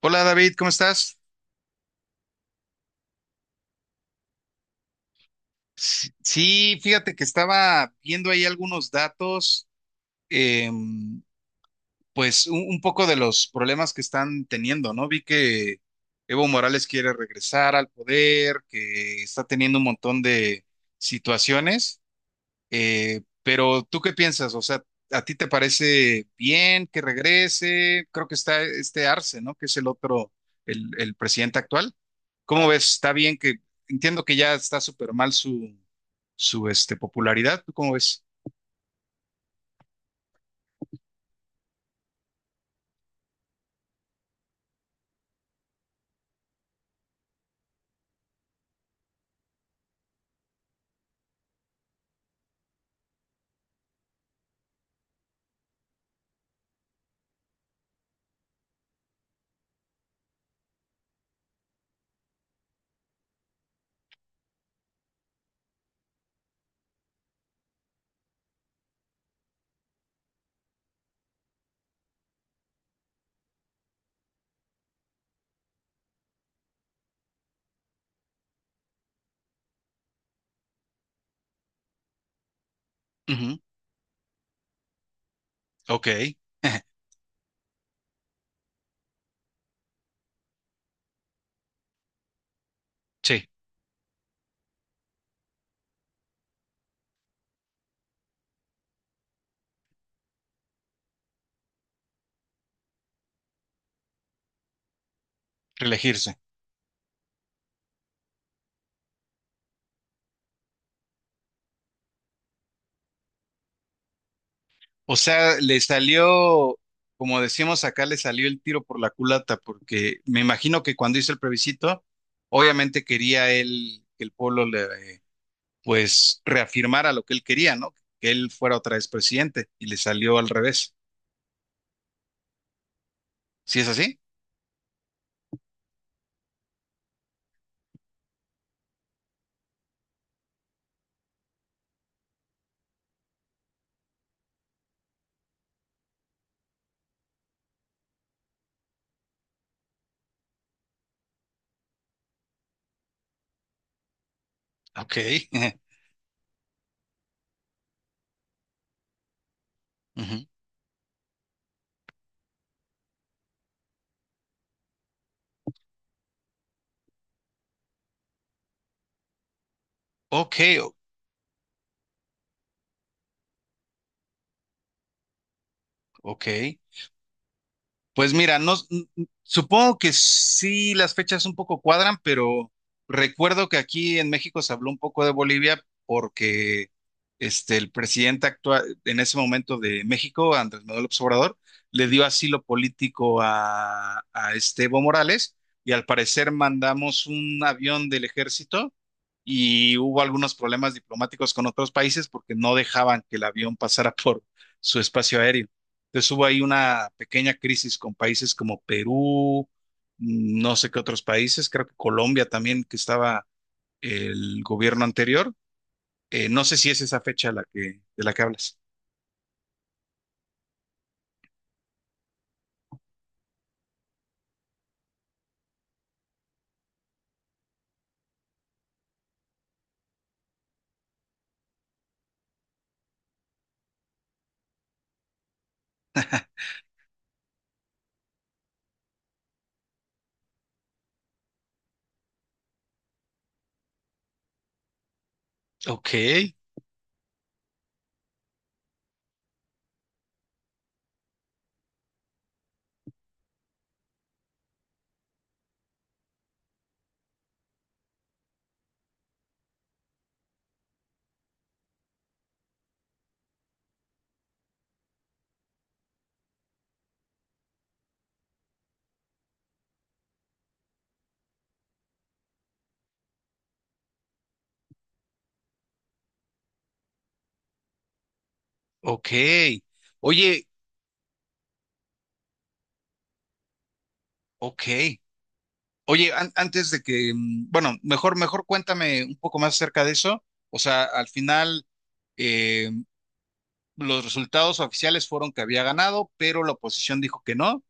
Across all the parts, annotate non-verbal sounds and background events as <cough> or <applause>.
Hola David, ¿cómo estás? Sí, fíjate que estaba viendo ahí algunos datos, em, pues un poco de los problemas que están teniendo, ¿no? Vi que Evo Morales quiere regresar al poder, que está teniendo un montón de situaciones. Pero ¿tú qué piensas? O sea, ¿a ti te parece bien que regrese? Creo que está este Arce, ¿no? Que es el otro, el presidente actual. ¿Cómo ves? ¿Está bien que... Entiendo que ya está súper mal su su este, popularidad? ¿Tú cómo ves? Ujú. Ok. <laughs> sí, reelegirse. O sea, le salió, como decíamos acá, le salió el tiro por la culata, porque me imagino que cuando hizo el plebiscito, obviamente quería él que el pueblo le, pues, reafirmara lo que él quería, ¿no? Que él fuera otra vez presidente, y le salió al revés. ¿Sí es así? Ok. <laughs> Ujú. Ok, o- ok. Pues mira, no, supongo que sí las fechas un poco cuadran, pero recuerdo que aquí en México se habló un poco de Bolivia porque este, el presidente actual en ese momento de México, Andrés Manuel López Obrador, le dio asilo político a este Evo Morales y al parecer mandamos un avión del ejército y hubo algunos problemas diplomáticos con otros países porque no dejaban que el avión pasara <laughs> por su espacio aéreo. Entonces hubo ahí una pequeña crisis con países como Perú, mm, no sé qué otros países, creo que Colombia también, que estaba el gobierno anterior. No sé si es esa fecha de la que hablas. Ok, ok. Oye, ok. Oye, antes de que, mejor cuéntame un poco más acerca de eso. O sea, al final los resultados oficiales fueron que había ganado, pero la oposición dijo que no.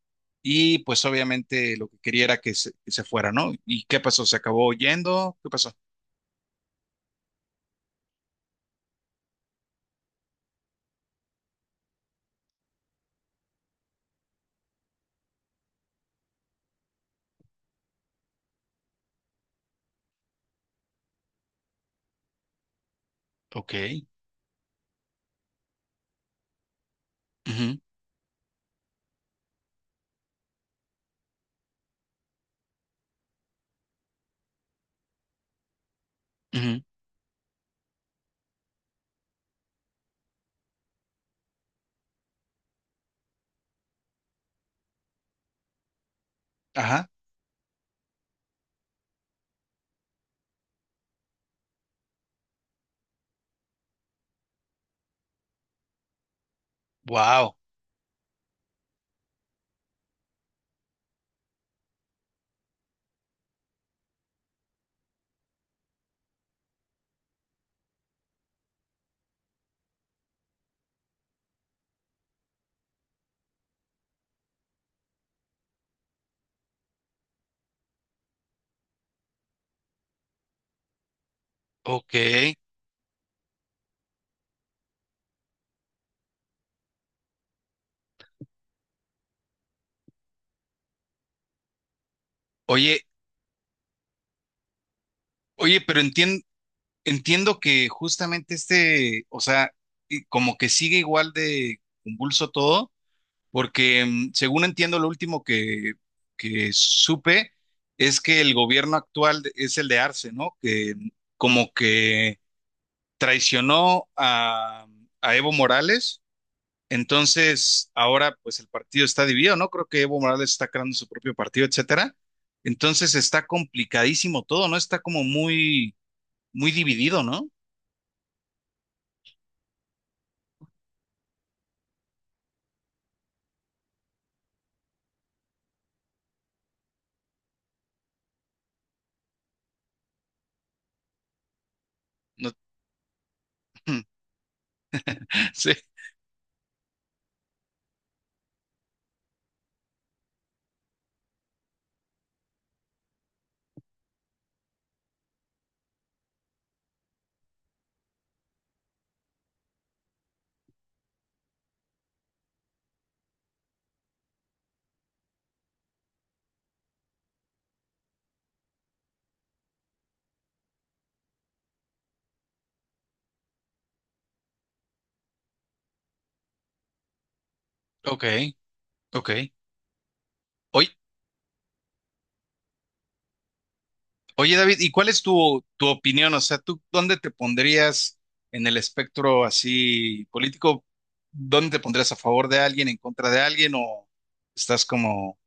Y pues obviamente lo que quería era que se fuera, ¿no? ¿Y qué pasó? ¿Se acabó yendo? ¿Qué pasó? Ok. Ujú, ujú. Ajá. Wow. Ok. Oye, oye, pero entiendo que justamente este, o sea, y como que sigue igual de convulso todo. Porque mm, según entiendo, lo último que supe es que el gobierno actual es el de Arce, ¿no? Que mm, como que traicionó a Evo Morales, entonces ahora pues el partido está dividido, ¿no? Creo que Evo Morales está creando su propio partido, etcétera. Entonces está complicadísimo todo, ¿no? Está como muy, muy dividido, ¿no? No- <laughs> sí, ok, ok. Oye, Oye, David, ¿y cuál es tu, tu opinión? O sea, ¿tú dónde te pondrías en el espectro así político? ¿Dónde te pondrías a favor de alguien, en contra de alguien? ¿O estás como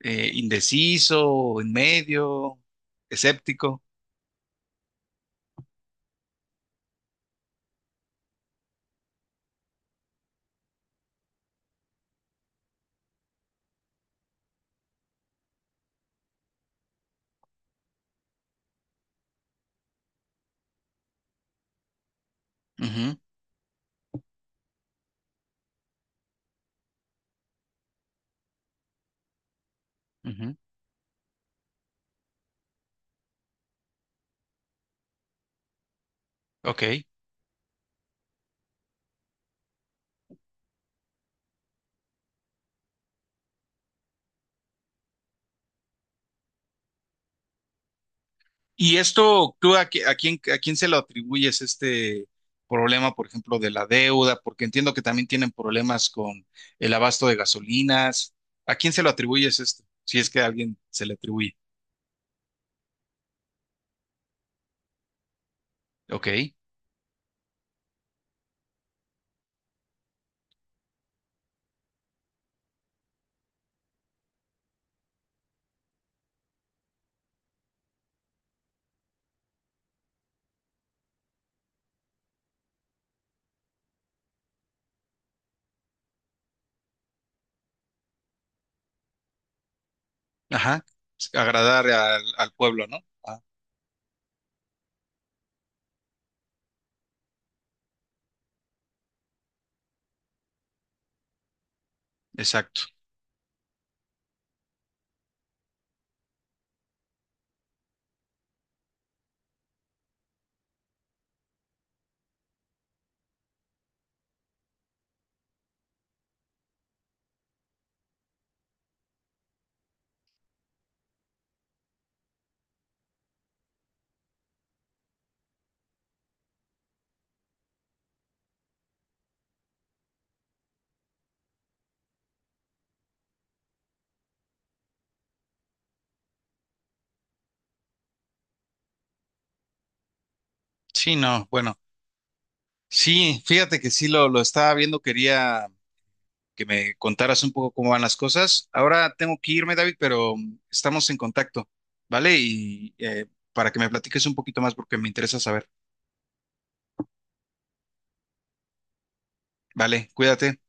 indeciso, o en medio, escéptico? Ujú, ujú. Ok. ¿Y esto tú a quién se lo atribuyes este problema, por ejemplo, de la deuda? Porque entiendo que también tienen problemas con el abasto de gasolinas. ¿A quién se lo atribuyes esto? Si es que a alguien se le atribuye. Ok, ajá, agradar al, al pueblo, ¿no? Ah, exacto. Sí, no, bueno, sí, fíjate que sí lo estaba viendo, quería que me contaras un poco cómo van las cosas. Ahora tengo que irme, David, pero mm, estamos en contacto, ¿vale? Y para que me platiques un poquito más porque me interesa saber. Vale, cuídate.